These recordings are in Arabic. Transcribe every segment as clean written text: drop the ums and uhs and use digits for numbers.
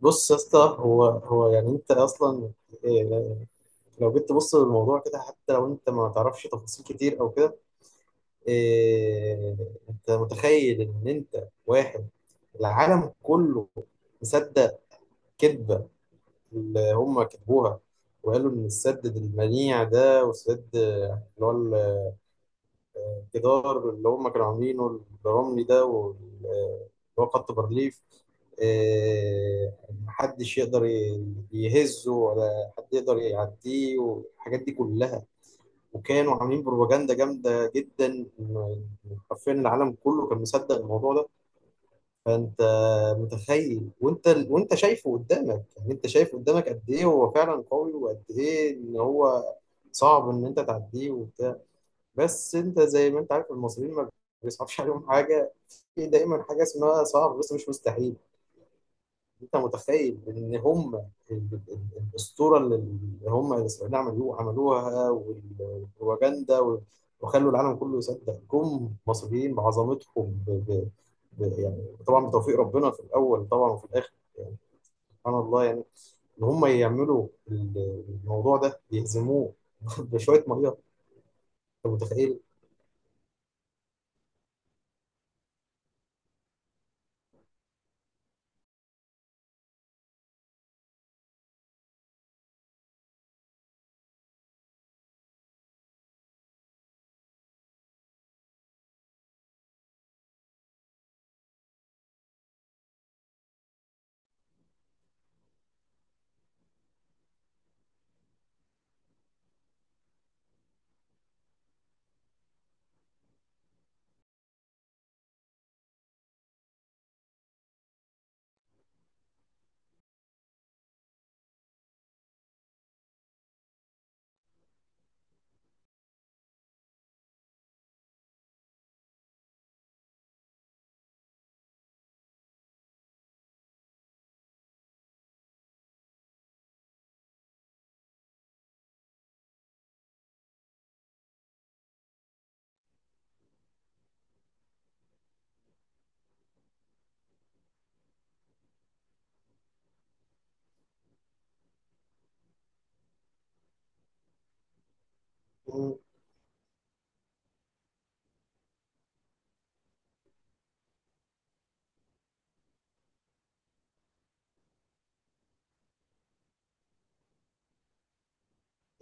بص يا اسطى. هو يعني انت اصلا إيه لو جيت تبص للموضوع كده، حتى لو انت ما تعرفش تفاصيل كتير او كده إيه انت متخيل ان انت واحد، العالم كله مصدق كذبة اللي هم كتبوها، وقالوا ان السد المنيع ده، والسد اللي هو الجدار اللي هم كانوا عاملينه الرملي ده، اللي هو خط برليف، آه، محدش يقدر يهزه ولا حد يقدر يعديه، والحاجات دي كلها. وكانوا عاملين بروباجندا جامدة جدا حرفيا العالم كله كان مصدق الموضوع ده. فانت متخيل، وانت شايفه قدامك، يعني انت شايف قدامك قد ايه هو فعلا قوي، وقد ايه ان هو صعب ان انت تعديه وبتاع. بس انت زي ما انت عارف، المصريين ما بيصعبش عليهم حاجه، في دايما حاجه اسمها صعب بس مش مستحيل. انت متخيل ان هم الاسطوره اللي هم الاسرائيليين عملوها والبروباجندا، وخلوا العالم كله يصدق، جم مصريين بعظمتهم، يعني طبعا بتوفيق ربنا في الاول طبعا وفي الاخر، يعني سبحان الله، يعني ان هم يعملوا الموضوع ده، يهزموه بشويه ميه. انت متخيل؟ مم.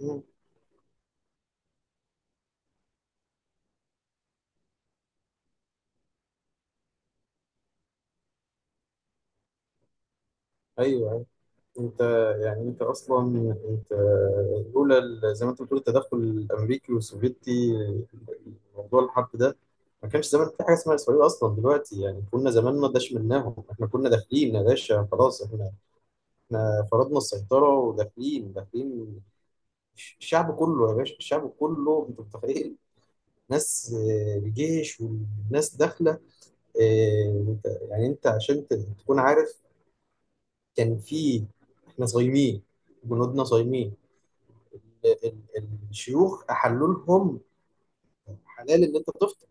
مم. ايوه. انت يعني انت اصلا انت، لولا زي ما انت بتقول التدخل الامريكي والسوفيتي، موضوع الحرب ده ما كانش. زمان في حاجه اسمها اسرائيل اصلا دلوقتي؟ يعني كنا زمان ما داش منهم، احنا كنا داخلين يا باشا، خلاص احنا، احنا فرضنا السيطره وداخلين داخلين. الشعب كله يا باشا، الشعب كله انت متخيل، ناس، الجيش والناس داخله. انت يعني انت عشان تكون عارف، كان في، احنا صايمين، جنودنا صايمين. ال- الشيوخ احلوا لهم حلال ان انت تفطر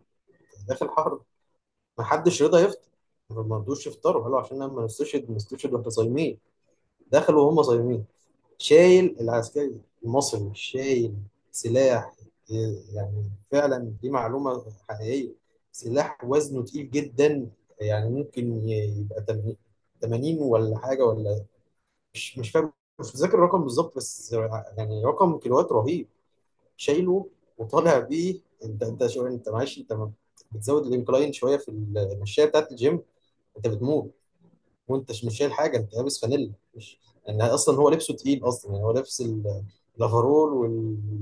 داخل حرم، ما حدش رضى يفطر، ما مرضوش يفطروا، قالوا عشان انا ما نستشهد ما نستشهد واحنا صايمين، دخلوا وهم صايمين. شايل العسكري المصري، شايل سلاح، يعني فعلا دي معلومة حقيقية، سلاح وزنه تقيل جدا، يعني ممكن يبقى 80 ولا حاجة ولا، مش مش فاهم، مش متذكر الرقم بالظبط، بس يعني رقم كيلوات رهيب شايله وطالع بيه. انت انت شو، انت معلش، انت ما بتزود الانكلاين شويه في المشايه بتاعت الجيم انت بتموت، وانت مش شايل حاجه، انت لابس فانيلا مش، يعني اصلا هو لبسه تقيل اصلا، يعني هو لابس الافرول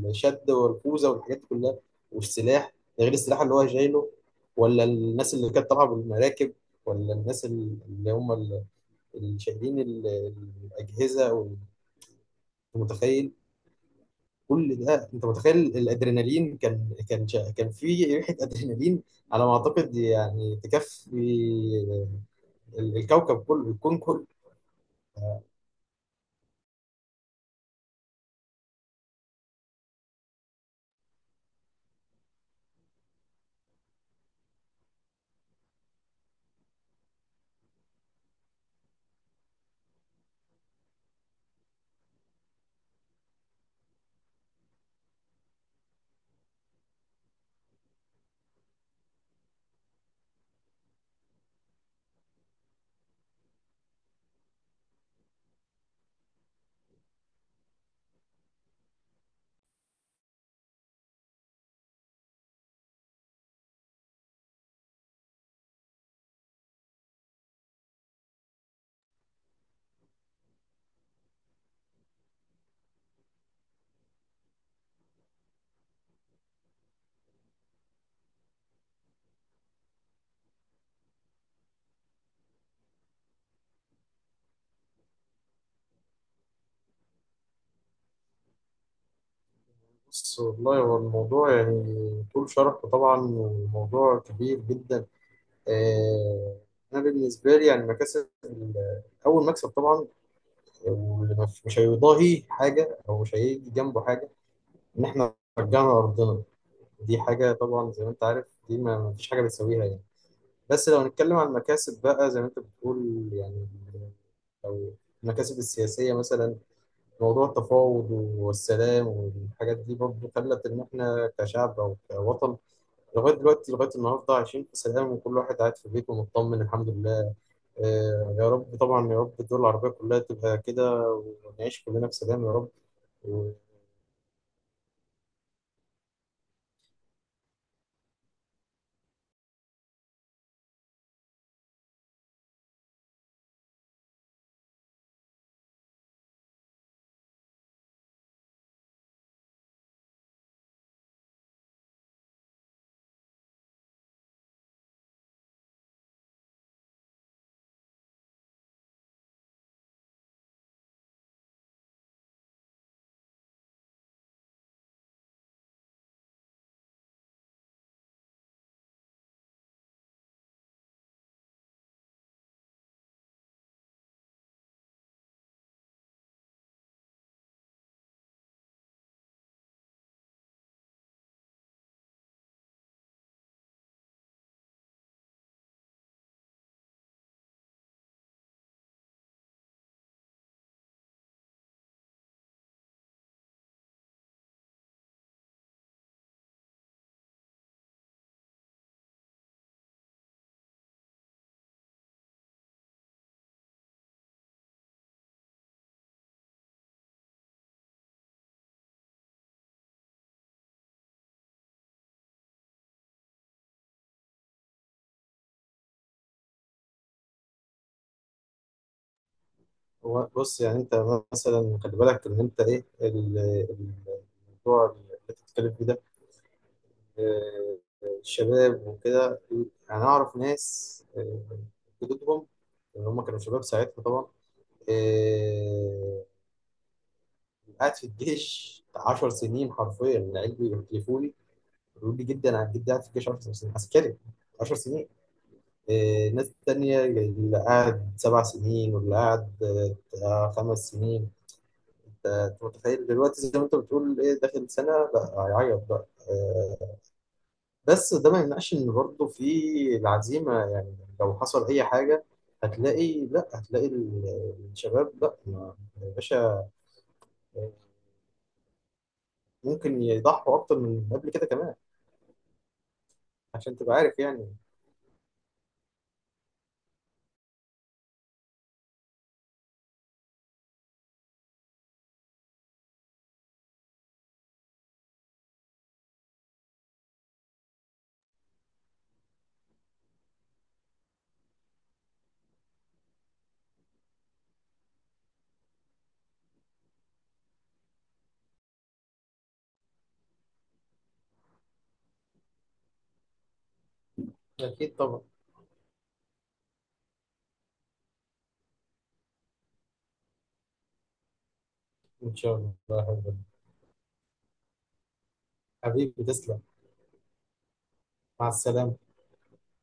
والشد والكوزه والحاجات دي كلها والسلاح، ده غير السلاح اللي هو شايله. ولا الناس اللي كانت طالعه بالمراكب، ولا الناس اللي هم اللي شايلين الاجهزه والمتخيل. كل ده انت متخيل، الادرينالين كان كان في ريحه ادرينالين على ما اعتقد، يعني تكفي الكوكب كله، الكون كله. بص والله هو الموضوع يعني طول شرح طبعا، وموضوع كبير جدا. آه، انا بالنسبه لي يعني مكاسب اول مكسب طبعا، واللي مش هيضاهي حاجه او مش هيجي جنبه حاجه، ان احنا رجعنا ارضنا، دي حاجه طبعا زي ما انت عارف دي ما فيش حاجه بتساويها يعني. بس لو نتكلم عن المكاسب بقى زي ما انت بتقول يعني، لو المكاسب السياسية مثلا، موضوع التفاوض والسلام والحاجات دي برضه خلت إن إحنا كشعب أو كوطن لغاية دلوقتي لغاية النهاردة عايشين في سلام، وكل واحد قاعد في بيته مطمن الحمد لله. آه يا رب طبعا، يا رب الدول العربية كلها تبقى كده ونعيش كلنا في سلام يا رب. و- وبص يعني أنت مثلا، خلي بالك إن أنت الموضوع اللي بتتكلم فيه ده، آه، الشباب وكده. انا اعرف ناس جدودهم ان هم كانوا شباب ساعتها طبعا، آه، قاعد في الجيش 10 سنين، حرفيا العيال بيحلفوا لي بيقولوا لي جدا عن جدي قاعد في الجيش 10 سنين عسكري، 10 سنين. ناس تانية اللي قاعد 7 سنين، واللي قاعد 5 سنين. انت أنت متخيل دلوقتي زي ما انت بتقول ايه داخل سنة لا هيعيط بقى؟ بس ده ما يمنعش ان برضه في العزيمه، يعني لو حصل اي حاجه هتلاقي، لا هتلاقي الشباب لا، يا باشا ممكن يضحوا اكتر من قبل كده كمان، عشان تبقى عارف يعني. اكيد طبعا. ان شاء الله. حبيبي تسلم. مع السلامه.